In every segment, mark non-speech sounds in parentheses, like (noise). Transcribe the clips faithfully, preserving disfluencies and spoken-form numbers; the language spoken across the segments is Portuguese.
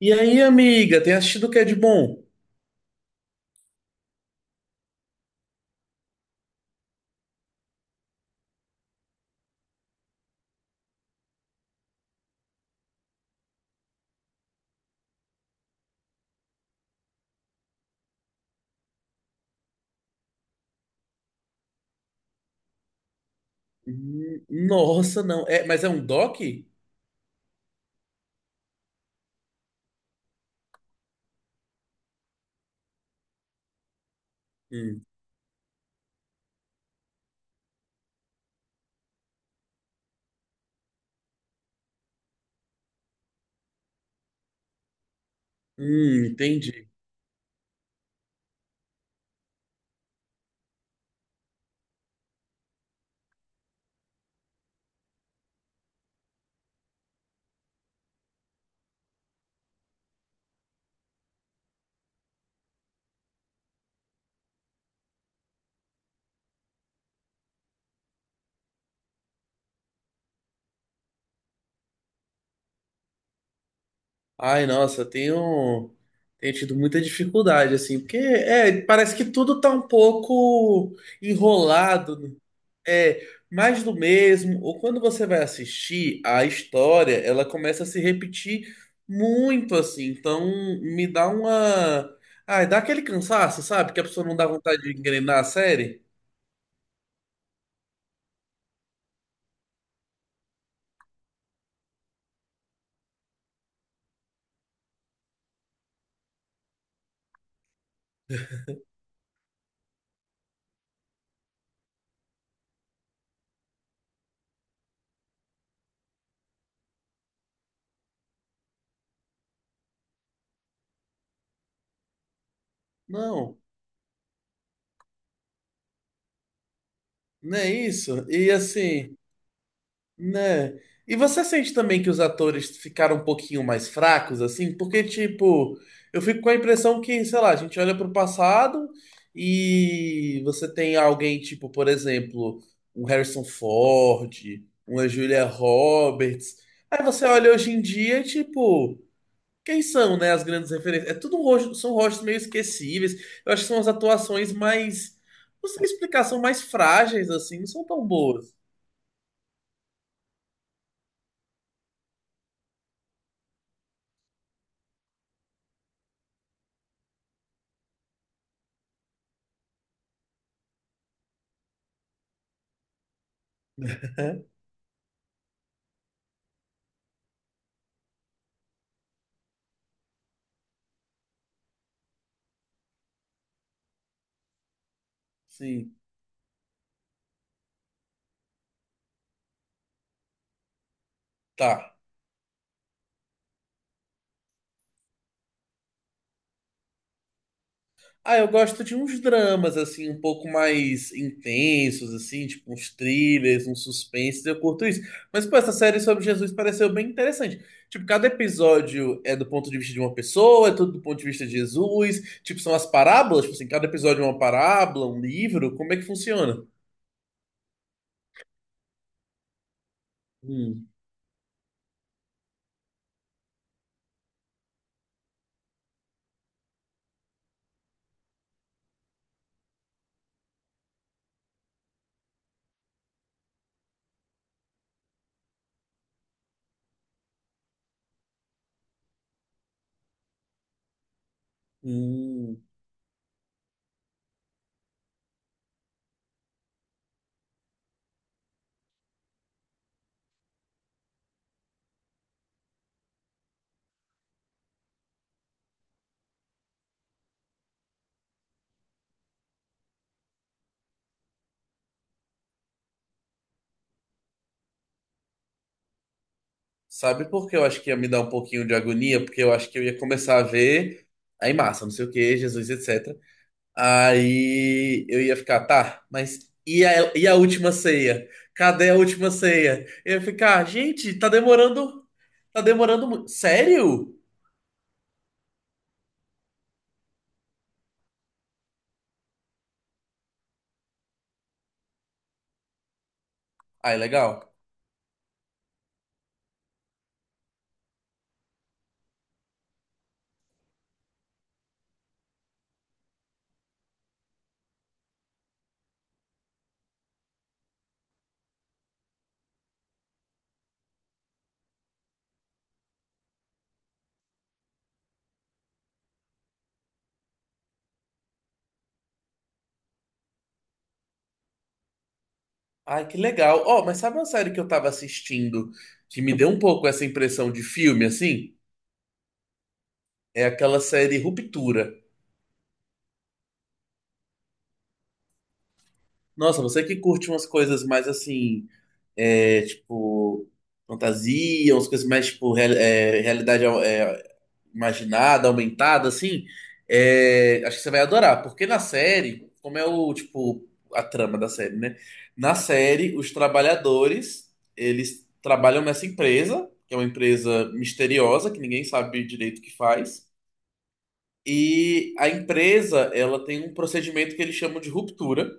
E aí, amiga, tem assistido o que é de bom? Hum, Nossa, não. É, mas é um doc? Hum, hum, entendi. Ai, nossa, eu tenho, tenho tido muita dificuldade, assim, porque é, parece que tudo tá um pouco enrolado, né? É, mais do mesmo. Ou quando você vai assistir a história, ela começa a se repetir muito, assim. Então, me dá uma. Ai, dá aquele cansaço, sabe? Que a pessoa não dá vontade de engrenar a série. Não. Não é isso? E assim, né? E você sente também que os atores ficaram um pouquinho mais fracos, assim? Porque, tipo, eu fico com a impressão que, sei lá, a gente olha pro passado e você tem alguém, tipo, por exemplo, um Harrison Ford, uma Julia Roberts. Aí você olha hoje em dia, tipo, quem são, né, as grandes referências? É tudo um rosto, são rostos meio esquecíveis. Eu acho que são as atuações mais. Não sei explicar, são mais frágeis, assim, não são tão boas. É? Sim, tá. Ah, eu gosto de uns dramas, assim, um pouco mais intensos, assim, tipo uns thrillers, uns suspenses, eu curto isso. Mas, pô, essa série sobre Jesus pareceu bem interessante. Tipo, cada episódio é do ponto de vista de uma pessoa, é tudo do ponto de vista de Jesus. Tipo, são as parábolas, tipo assim, cada episódio é uma parábola, um livro, como é que funciona? Hum, hum. Sabe por que eu acho que ia me dar um pouquinho de agonia? Porque eu acho que eu ia começar a ver aí massa, não sei o que, Jesus, etcétera. Aí eu ia ficar, tá, mas e a, e a última ceia? Cadê a última ceia? Eu ia ficar, gente, tá demorando, tá demorando muito. Sério? Ai, legal. Ai, que legal. Ó, mas sabe uma série que eu tava assistindo que me deu um pouco essa impressão de filme, assim? É aquela série Ruptura. Nossa, você que curte umas coisas mais assim é, tipo, fantasia, umas coisas mais, tipo, real- é, realidade é, imaginada, aumentada, assim, é, acho que você vai adorar, porque na série, como é o, tipo, a trama da série, né? Na série, os trabalhadores, eles trabalham nessa empresa, que é uma empresa misteriosa, que ninguém sabe direito o que faz, e a empresa, ela tem um procedimento que eles chamam de ruptura,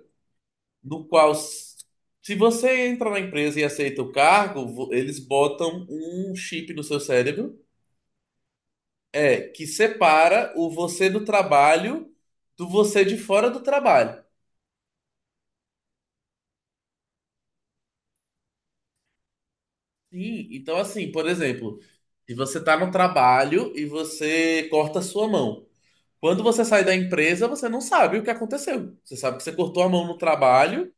do qual, se você entra na empresa e aceita o cargo, vo- eles botam um chip no seu cérebro é, que separa o você do trabalho do você de fora do trabalho. Sim, então assim, por exemplo, se você tá no trabalho e você corta a sua mão. Quando você sai da empresa, você não sabe o que aconteceu. Você sabe que você cortou a mão no trabalho.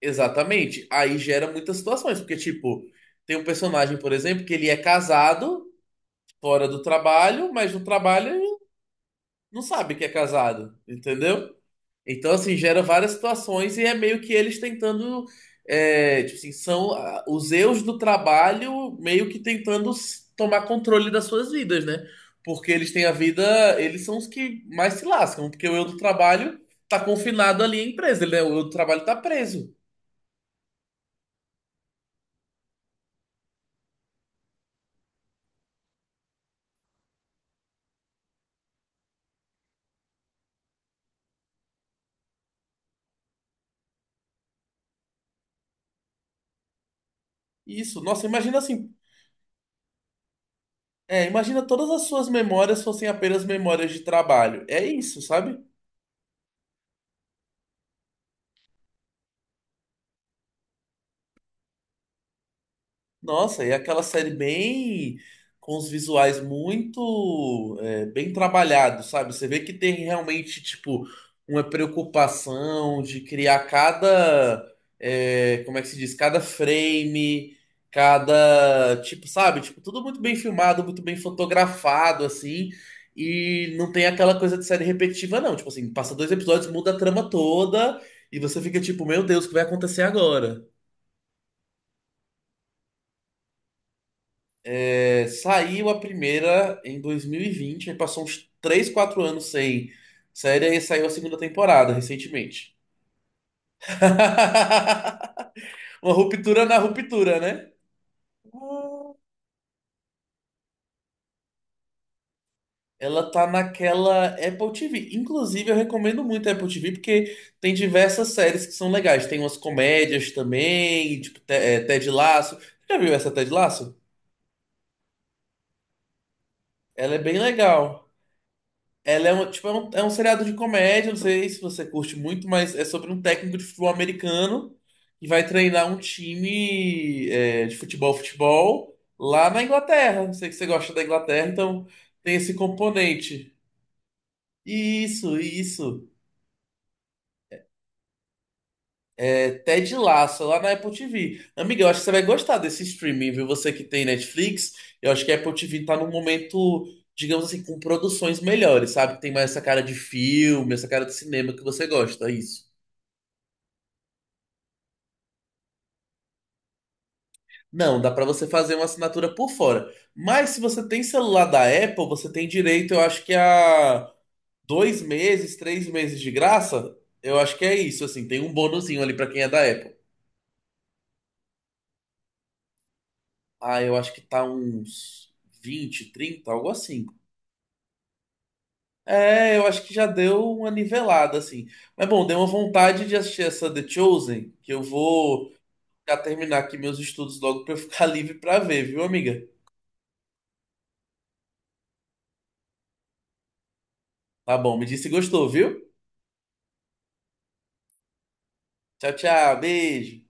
Exatamente. Aí gera muitas situações, porque tipo, tem um personagem, por exemplo, que ele é casado fora do trabalho, mas no trabalho ele não sabe que é casado, entendeu? Então, assim, gera várias situações e é meio que eles tentando. É, tipo assim, são ah, os eus do trabalho meio que tentando s- tomar controle das suas vidas, né? Porque eles têm a vida, eles são os que mais se lascam, porque o eu do trabalho tá confinado ali à empresa, ele, é- o eu do trabalho tá preso. Isso, nossa, imagina assim, é, imagina todas as suas memórias fossem apenas memórias de trabalho. É isso, sabe? Nossa, e aquela série bem com os visuais muito é, bem trabalhados, sabe? Você vê que tem realmente tipo uma preocupação de criar cada é, como é que se diz? Cada frame, cada tipo, sabe? Tipo, tudo muito bem filmado, muito bem fotografado, assim. E não tem aquela coisa de série repetitiva, não. Tipo assim, passa dois episódios, muda a trama toda e você fica tipo, meu Deus, o que vai acontecer agora? É, saiu a primeira em dois mil e vinte, aí passou uns três ou quatro anos sem série, aí saiu a segunda temporada recentemente. (laughs) Uma ruptura na ruptura, né? Ela tá naquela Apple T V. Inclusive, eu recomendo muito a Apple T V porque tem diversas séries que são legais. Tem umas comédias também, tipo Te- é, Ted Lasso. Já viu essa Ted Lasso? Ela é bem legal. Ela é um, tipo, é um, é um seriado de comédia, não sei se você curte muito, mas é sobre um técnico de futebol americano que vai treinar um time é, de futebol, futebol lá na Inglaterra. Sei que você gosta da Inglaterra, então tem esse componente. Isso, isso. É Ted Lasso, lá na Apple T V. Amiga, eu acho que você vai gostar desse streaming, viu? Você que tem Netflix, eu acho que a Apple T V tá num momento, digamos assim, com produções melhores, sabe? Tem mais essa cara de filme, essa cara de cinema que você gosta, isso. Não, dá pra você fazer uma assinatura por fora. Mas se você tem celular da Apple, você tem direito, eu acho que a dois meses, três meses de graça. Eu acho que é isso, assim, tem um bonuzinho ali pra quem é da Apple. Ah, eu acho que tá uns vinte, trinta, algo assim. É, eu acho que já deu uma nivelada, assim. Mas bom, deu uma vontade de assistir essa The Chosen, que eu vou já terminar aqui meus estudos logo pra eu ficar (laughs) livre pra ver, viu, amiga? Tá bom, me disse se gostou, viu? Tchau, tchau, beijo.